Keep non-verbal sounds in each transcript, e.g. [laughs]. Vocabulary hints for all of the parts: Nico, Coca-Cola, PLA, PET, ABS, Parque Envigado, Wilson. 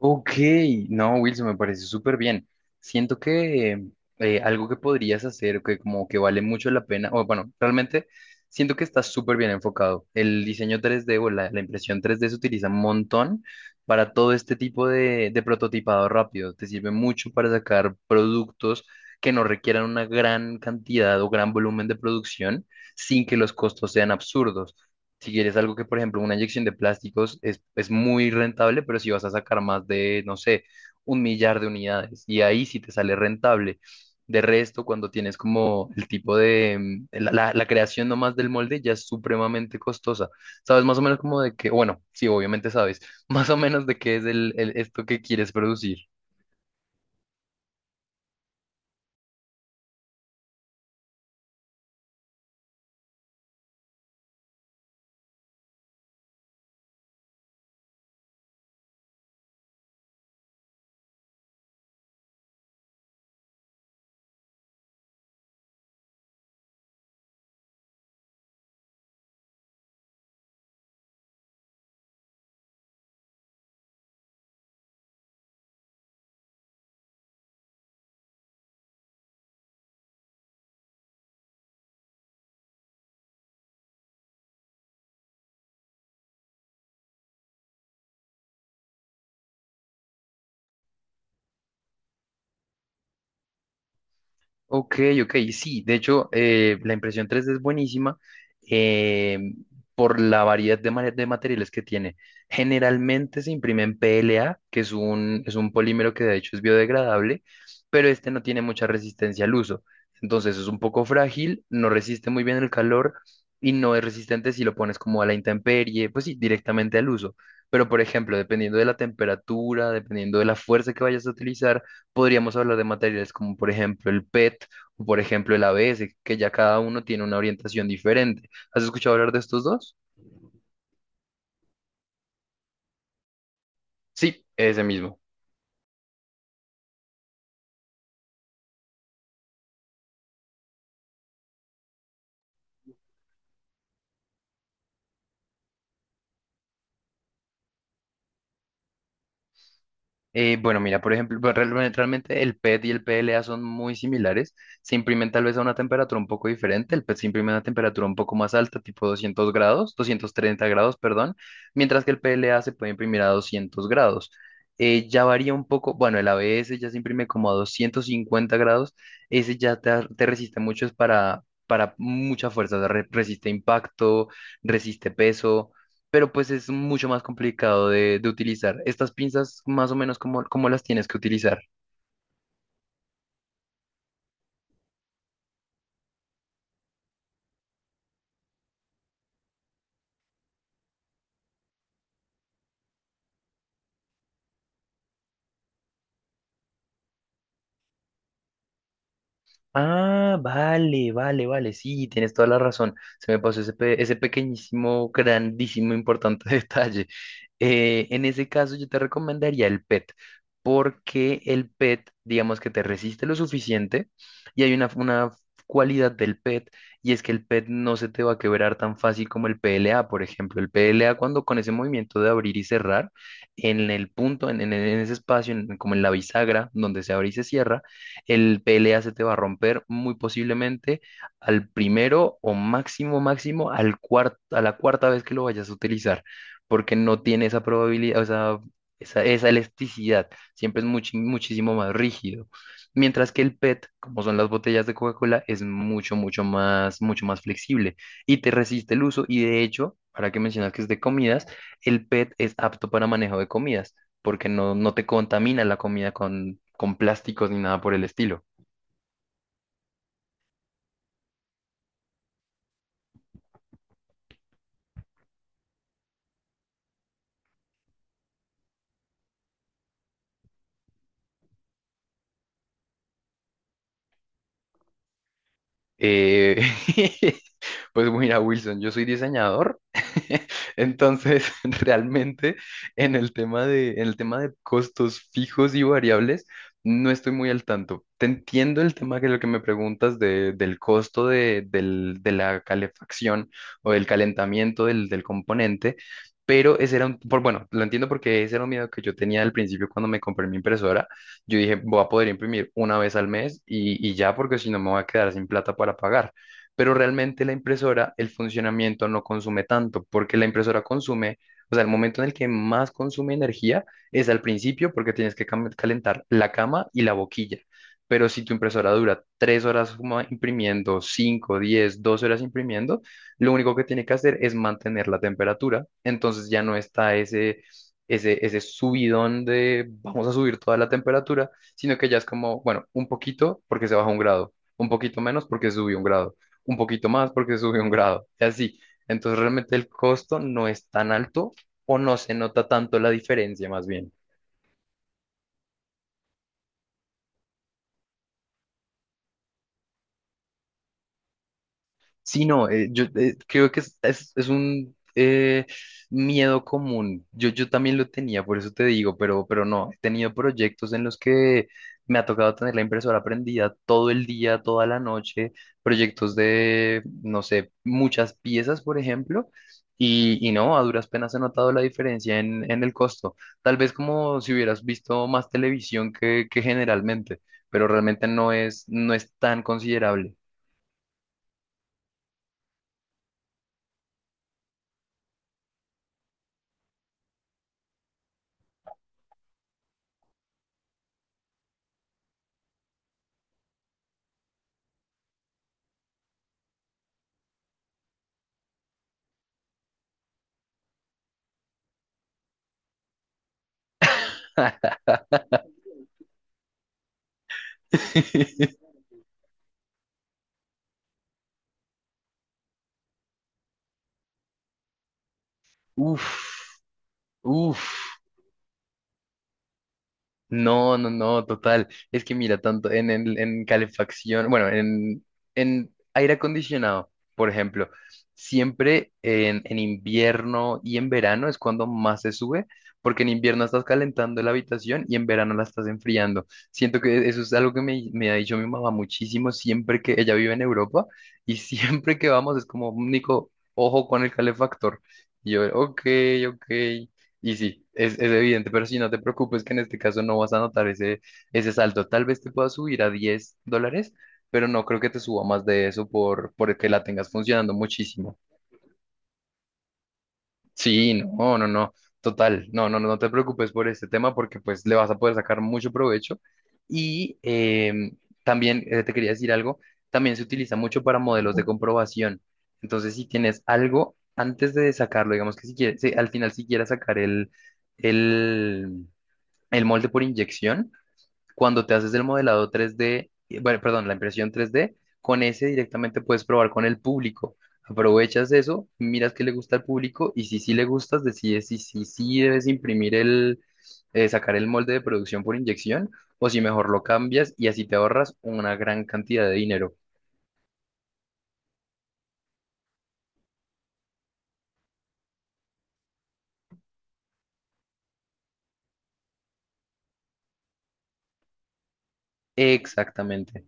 Ok, no, Wilson, me parece súper bien. Siento que algo que podrías hacer, que como que vale mucho la pena, o bueno, realmente siento que estás súper bien enfocado. El diseño 3D o la impresión 3D se utiliza un montón para todo este tipo de prototipado rápido. Te sirve mucho para sacar productos que no requieran una gran cantidad o gran volumen de producción sin que los costos sean absurdos. Si quieres algo que, por ejemplo, una inyección de plásticos es muy rentable, pero si vas a sacar más de, no sé, un millar de unidades, y ahí sí te sale rentable. De resto, cuando tienes como el tipo de, la creación nomás del molde ya es supremamente costosa. ¿Sabes más o menos como de qué? Bueno, sí, obviamente sabes, [laughs] más o menos de qué es esto que quieres producir. Ok, ok, sí, de hecho la impresión 3D es buenísima eh, por la variedad de, de materiales que tiene. Generalmente se imprime en PLA, que es es un polímero que de hecho es biodegradable, pero este no tiene mucha resistencia al uso. Entonces es un poco frágil, no resiste muy bien el calor y no es resistente si lo pones como a la intemperie, pues sí, directamente al uso. Pero por ejemplo, dependiendo de la temperatura, dependiendo de la fuerza que vayas a utilizar, podríamos hablar de materiales como por ejemplo el PET o por ejemplo el ABS, que ya cada uno tiene una orientación diferente. ¿Has escuchado hablar de estos dos? Sí, ese mismo. Bueno, mira, por ejemplo, pues, realmente el PET y el PLA son muy similares. Se imprimen tal vez a una temperatura un poco diferente. El PET se imprime a una temperatura un poco más alta, tipo 200 grados, 230 grados, perdón, mientras que el PLA se puede imprimir a 200 grados. Ya varía un poco, bueno, el ABS ya se imprime como a 250 grados. Ese ya te, te resiste mucho, es para mucha fuerza, o sea, resiste impacto, resiste peso, pero pues es mucho más complicado de utilizar. Estas pinzas, más o menos, cómo las tienes que utilizar? Ah, vale, vale, vale, sí, tienes toda la razón. Se me pasó ese, ese pequeñísimo, grandísimo, importante [laughs] detalle. En ese caso, yo te recomendaría el PET, porque el PET, digamos que te resiste lo suficiente y hay una cualidad del PET, y es que el PET no se te va a quebrar tan fácil como el PLA, por ejemplo. El PLA, cuando con ese movimiento de abrir y cerrar, en el punto, en ese espacio, como en la bisagra, donde se abre y se cierra, el PLA se te va a romper muy posiblemente al primero o máximo, máximo a la cuarta vez que lo vayas a utilizar, porque no tiene esa probabilidad, o sea, esa elasticidad. Siempre es muchísimo más rígido. Mientras que el PET, como son las botellas de Coca-Cola, es mucho, mucho más flexible y te resiste el uso. Y de hecho, para que mencionas que es de comidas, el PET es apto para manejo de comidas porque no, no te contamina la comida con plásticos ni nada por el estilo. Eh, [laughs] pues mira, Wilson, yo soy diseñador, [laughs] entonces [laughs] realmente en el tema de, en el tema de costos fijos y variables no estoy muy al tanto. Te entiendo el tema que lo que me preguntas de, del costo de, de la calefacción o del calentamiento del, del componente, pero ese era un, por, bueno, lo entiendo porque ese era un miedo que yo tenía al principio cuando me compré mi impresora. Yo dije, voy a poder imprimir una vez al mes y ya, porque si no me voy a quedar sin plata para pagar. Pero realmente la impresora, el funcionamiento no consume tanto, porque la impresora consume, o sea, el momento en el que más consume energía es al principio, porque tienes que calentar la cama y la boquilla. Pero si tu impresora dura tres horas como imprimiendo, cinco, diez, 12 horas imprimiendo, lo único que tiene que hacer es mantener la temperatura. Entonces ya no está ese, ese subidón de vamos a subir toda la temperatura, sino que ya es como, bueno, un poquito porque se baja un grado, un poquito menos porque subió un grado, un poquito más porque subió un grado, y así. Entonces realmente el costo no es tan alto o no se nota tanto la diferencia más bien. Sí, no, yo creo que es un miedo común. Yo también lo tenía, por eso te digo, pero no, he tenido proyectos en los que me ha tocado tener la impresora prendida todo el día, toda la noche, proyectos de, no sé, muchas piezas, por ejemplo, y no, a duras penas he notado la diferencia en el costo. Tal vez como si hubieras visto más televisión que generalmente, pero realmente no es tan considerable. [laughs] Uf, uf. No, no, no, total. Es que mira, tanto en, en calefacción, bueno, en aire acondicionado, por ejemplo, siempre en invierno y en verano es cuando más se sube, porque en invierno estás calentando la habitación y en verano la estás enfriando. Siento que eso es algo que me ha dicho mi mamá muchísimo siempre que ella vive en Europa, y [laughs] siempre que vamos es como, Nico, ojo con el calefactor. Y yo, ok, ok. Y sí, es evidente, pero sí, no te preocupes que en este caso no vas a notar ese, ese salto. Tal vez te pueda subir a 10 dólares, pero no creo que te suba más de eso por que la tengas funcionando muchísimo. Sí, no, no, no, total, no, no, no te preocupes por este tema porque pues le vas a poder sacar mucho provecho. Y también te quería decir algo, también se utiliza mucho para modelos de comprobación. Entonces, si tienes algo antes de sacarlo, digamos que si quieres, si al final si quieres sacar el... el el molde por inyección, cuando te haces el modelado 3D, bueno, perdón, la impresión 3D, con ese directamente puedes probar con el público. Aprovechas eso, miras qué le gusta al público y si sí le gustas, decides si sí debes imprimir el, sacar el molde de producción por inyección o si mejor lo cambias, y así te ahorras una gran cantidad de dinero. Exactamente.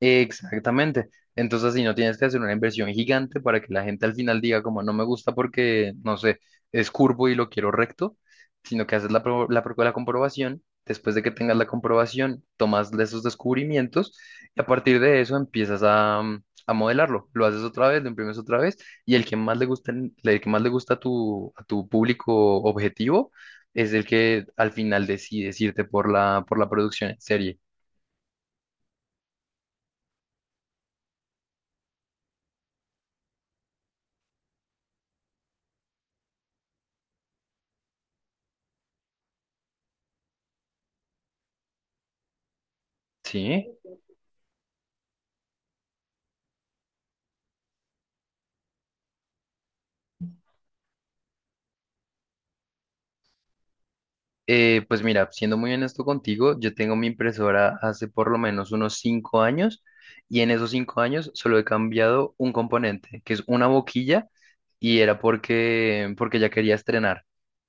Exactamente. Entonces, si no tienes que hacer una inversión gigante para que la gente al final diga como no me gusta porque, no sé, es curvo y lo quiero recto, sino que haces la comprobación, después de que tengas la comprobación, tomas de esos descubrimientos y a partir de eso empiezas a, a modelarlo. Lo haces otra vez, lo imprimes otra vez, y el que más le gusta, el que más le gusta a tu público objetivo es el que al final decide irte por la producción en serie. Sí. Pues mira, siendo muy honesto contigo, yo tengo mi impresora hace por lo menos unos cinco años, y en esos cinco años solo he cambiado un componente, que es una boquilla, y era porque, porque ya quería estrenar.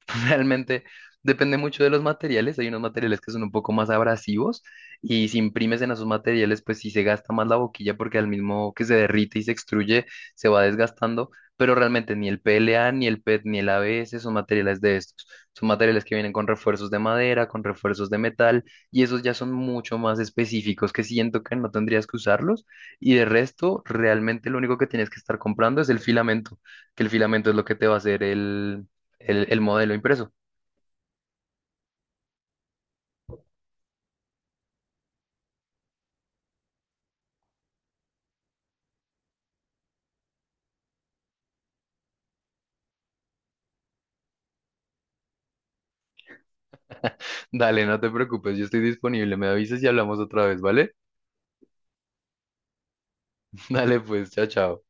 [laughs] Realmente depende mucho de los materiales. Hay unos materiales que son un poco más abrasivos y si imprimes en esos materiales, pues sí se gasta más la boquilla porque al mismo que se derrite y se extruye, se va desgastando. Pero realmente ni el PLA, ni el PET, ni el ABS son materiales de estos. Son materiales que vienen con refuerzos de madera, con refuerzos de metal, y esos ya son mucho más específicos que siento que no tendrías que usarlos. Y de resto, realmente lo único que tienes que estar comprando es el filamento, que el filamento es lo que te va a hacer el el modelo impreso. Dale, no te preocupes, yo estoy disponible. Me avisas y hablamos otra vez, ¿vale? [laughs] Dale, pues, chao, chao.